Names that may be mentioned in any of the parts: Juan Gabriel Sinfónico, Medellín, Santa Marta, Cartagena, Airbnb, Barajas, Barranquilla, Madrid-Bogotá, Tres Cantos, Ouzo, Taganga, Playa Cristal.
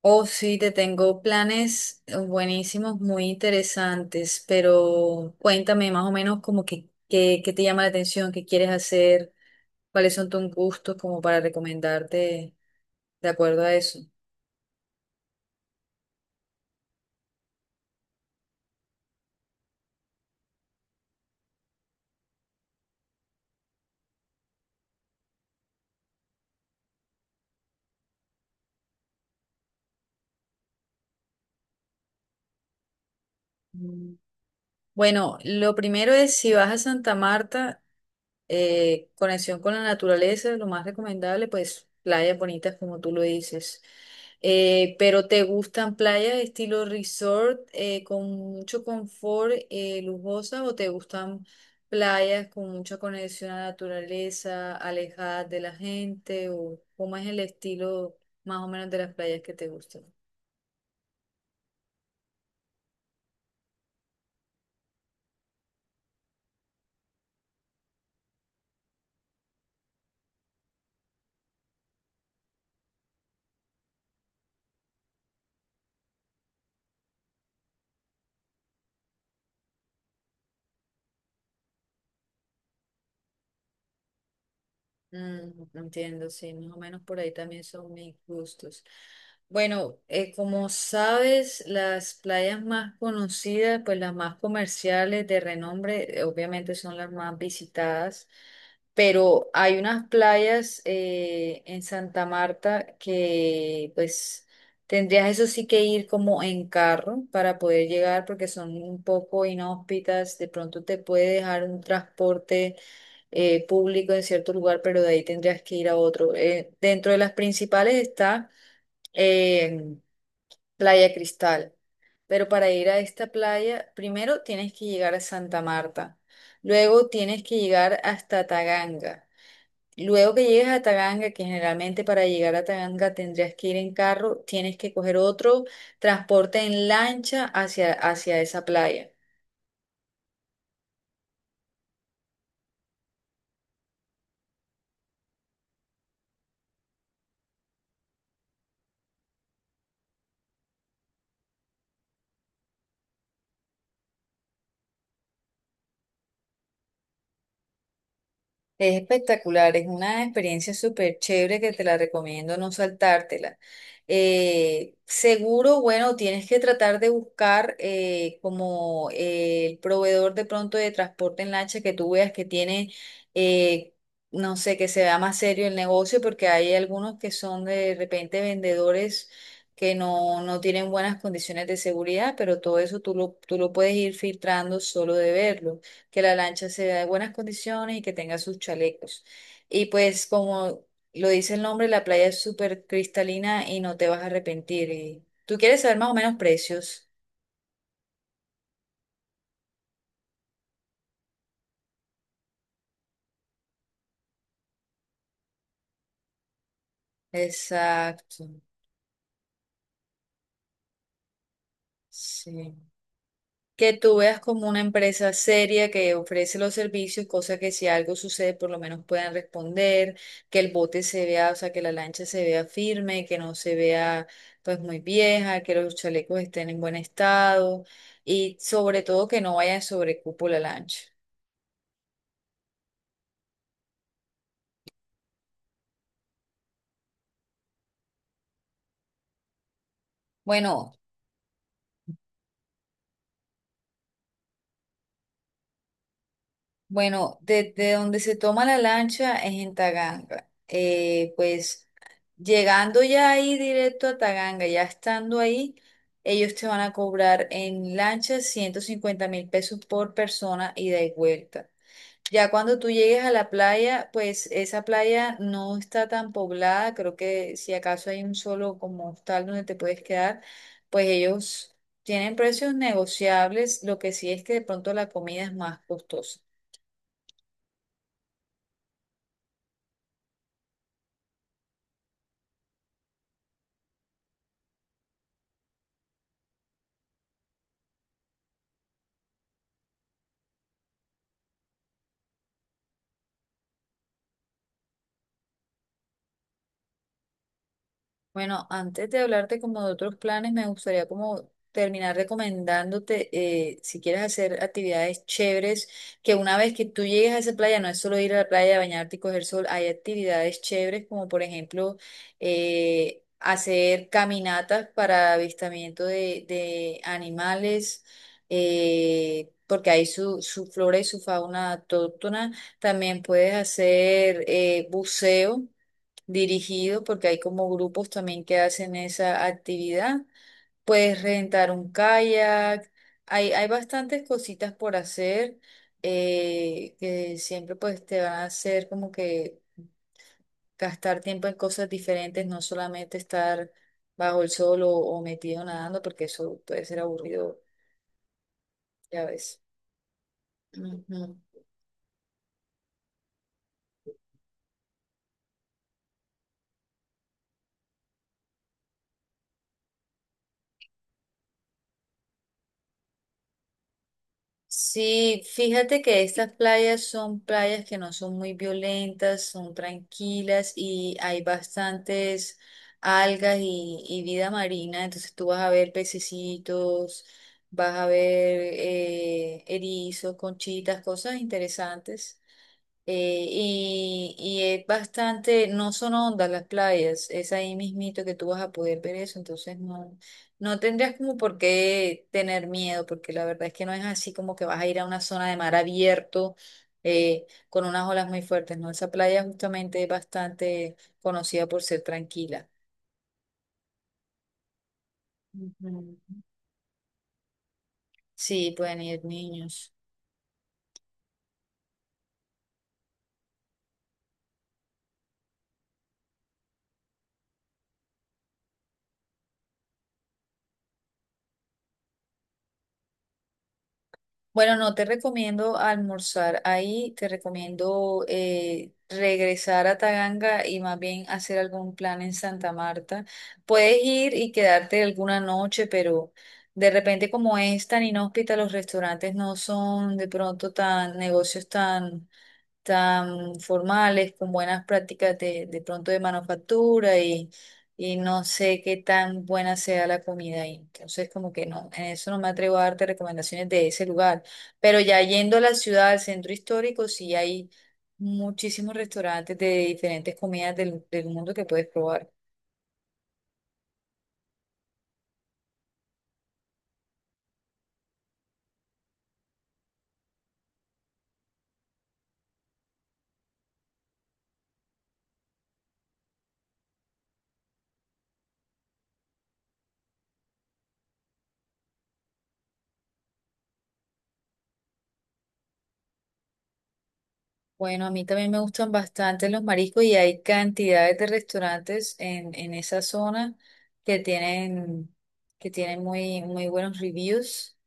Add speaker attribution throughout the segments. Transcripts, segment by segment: Speaker 1: Oh, sí, te tengo planes buenísimos, muy interesantes, pero cuéntame más o menos como que, qué te llama la atención, qué quieres hacer, cuáles son tus gustos como para recomendarte de acuerdo a eso. Mm. Bueno, lo primero es si vas a Santa Marta, conexión con la naturaleza, lo más recomendable, pues playas bonitas como tú lo dices. Pero ¿te gustan playas estilo resort con mucho confort, lujosas o te gustan playas con mucha conexión a la naturaleza, alejadas de la gente o cómo es el estilo más o menos de las playas que te gustan? Mm, entiendo, sí, más o menos por ahí también son mis gustos. Bueno, como sabes, las playas más conocidas, pues las más comerciales de renombre, obviamente son las más visitadas, pero hay unas playas en Santa Marta que pues tendrías eso sí que ir como en carro para poder llegar porque son un poco inhóspitas, de pronto te puede dejar un transporte público en cierto lugar, pero de ahí tendrías que ir a otro. Dentro de las principales está eh, Playa Cristal, pero para ir a esta playa, primero tienes que llegar a Santa Marta, luego tienes que llegar hasta Taganga. Luego que llegues a Taganga, que generalmente para llegar a Taganga tendrías que ir en carro, tienes que coger otro transporte en lancha hacia esa playa. Es espectacular, es una experiencia súper chévere que te la recomiendo no saltártela. Seguro, bueno, tienes que tratar de buscar como el proveedor de pronto de transporte en lancha que tú veas que tiene, eh, no sé, que se vea más serio el negocio, porque hay algunos que son de repente vendedores que no, no tienen buenas condiciones de seguridad, pero todo eso tú lo puedes ir filtrando solo de verlo que la lancha sea de buenas condiciones y que tenga sus chalecos. Y pues como lo dice el nombre, la playa es súper cristalina y no te vas a arrepentir. Y tú quieres saber más o menos precios. Exacto. Sí. Que tú veas como una empresa seria que ofrece los servicios, cosa que si algo sucede por lo menos puedan responder, que el bote se vea, o sea, que la lancha se vea firme, que no se vea pues muy vieja, que los chalecos estén en buen estado y sobre todo que no vaya sobre cupo la lancha. Bueno, Bueno, desde donde se toma la lancha es en Taganga. Pues llegando ya ahí directo a Taganga, ya estando ahí, ellos te van a cobrar en lancha 150.000 pesos por persona ida y vuelta. Ya cuando tú llegues a la playa, pues esa playa no está tan poblada, creo que si acaso hay un solo como hostal donde te puedes quedar, pues ellos tienen precios negociables, lo que sí es que de pronto la comida es más costosa. Bueno, antes de hablarte como de otros planes, me gustaría como terminar recomendándote si quieres hacer actividades chéveres, que una vez que tú llegues a esa playa, no es solo ir a la playa, bañarte y coger sol, hay actividades chéveres como por ejemplo hacer caminatas para avistamiento de animales, porque hay su flora y su fauna autóctona. También puedes hacer buceo dirigido, porque hay como grupos también que hacen esa actividad. Puedes rentar un kayak, hay bastantes cositas por hacer que siempre pues te van a hacer como que gastar tiempo en cosas diferentes, no solamente estar bajo el sol o metido nadando, porque eso puede ser aburrido, ya ves. Ujú. Sí, fíjate que estas playas son playas que no son muy violentas, son tranquilas y hay bastantes algas y vida marina, entonces tú vas a ver pececitos, vas a ver erizos, conchitas, cosas interesantes. Y es bastante, no son ondas las playas, es ahí mismito que tú vas a poder ver eso, entonces no, no tendrías como por qué tener miedo, porque la verdad es que no es así como que vas a ir a una zona de mar abierto con unas olas muy fuertes, ¿no? Esa playa justamente es bastante conocida por ser tranquila. Ujú. Sí, pueden ir niños. Bueno, no te recomiendo almorzar ahí, te recomiendo regresar a Taganga y más bien hacer algún plan en Santa Marta. Puedes ir y quedarte alguna noche, pero de repente como es tan inhóspita, los restaurantes no son de pronto tan negocios tan formales, con buenas prácticas de pronto de manufactura y no sé qué tan buena sea la comida ahí. Entonces, como que no, en eso no me atrevo a darte recomendaciones de ese lugar. Pero ya yendo a la ciudad, al centro histórico, sí hay muchísimos restaurantes de diferentes comidas del, del mundo que puedes probar. Bueno, a mí también me gustan bastante los mariscos y hay cantidades de restaurantes en esa zona que tienen, que tienen muy, muy buenos reviews.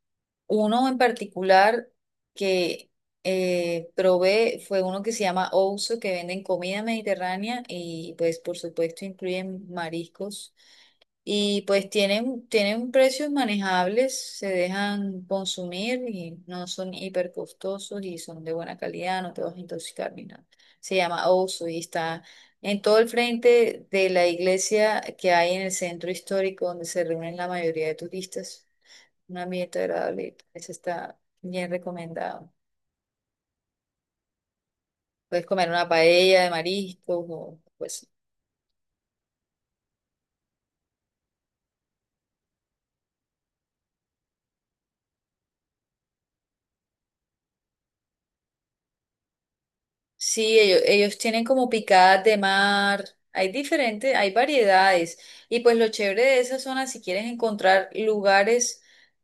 Speaker 1: Uno en particular que probé fue uno que se llama Ouzo, que venden comida mediterránea y pues por supuesto incluyen mariscos. Y pues tienen precios manejables, se dejan consumir y no son hiper costosos y son de buena calidad, no te vas a intoxicar ni nada. Se llama Osu y está en todo el frente de la iglesia que hay en el centro histórico donde se reúnen la mayoría de turistas. Un ambiente agradable, eso está bien recomendado. Puedes comer una paella de mariscos o pues. Sí, ellos tienen como picadas de mar, hay diferentes, hay variedades. Y pues lo chévere de esa zona, si quieres encontrar lugares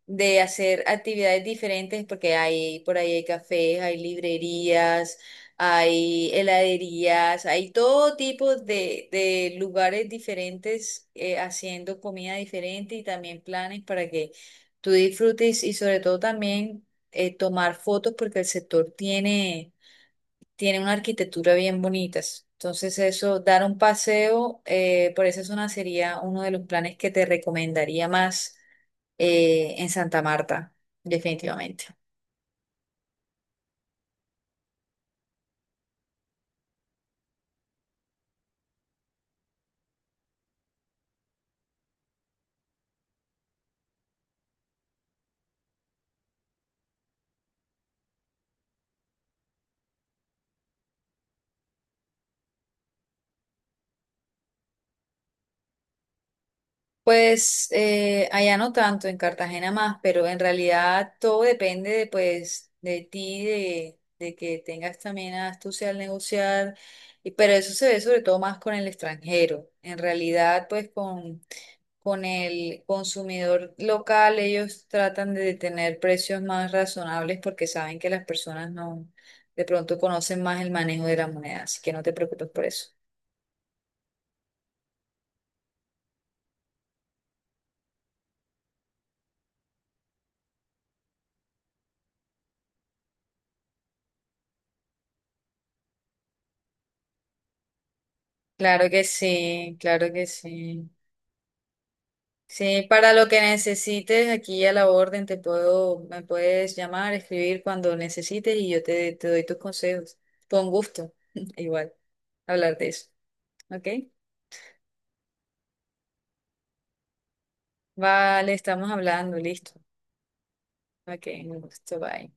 Speaker 1: de hacer actividades diferentes, porque hay, por ahí hay cafés, hay librerías, hay heladerías, hay todo tipo de lugares diferentes haciendo comida diferente y también planes para que tú disfrutes y sobre todo también tomar fotos porque el sector tiene una arquitectura bien bonita. Entonces eso, dar un paseo por esa zona sería uno de los planes que te recomendaría más en Santa Marta, definitivamente. Pues allá no tanto, en Cartagena más, pero en realidad todo depende de, pues, de ti, de que tengas también astucia al negociar, y- pero eso se ve sobre todo más con el extranjero. En realidad, pues con el consumidor local, ellos tratan de tener precios más razonables porque saben que las personas no, de pronto conocen más el manejo de la moneda, así que no te preocupes por eso. Claro que sí, claro que sí. Sí, para lo que necesites, aquí a la orden te puedo, me puedes llamar, escribir cuando necesites y yo te, te doy tus consejos. Con gusto, igual, hablar de eso. ¿Ok? Vale, estamos hablando, listo. Ok, un gusto, bye.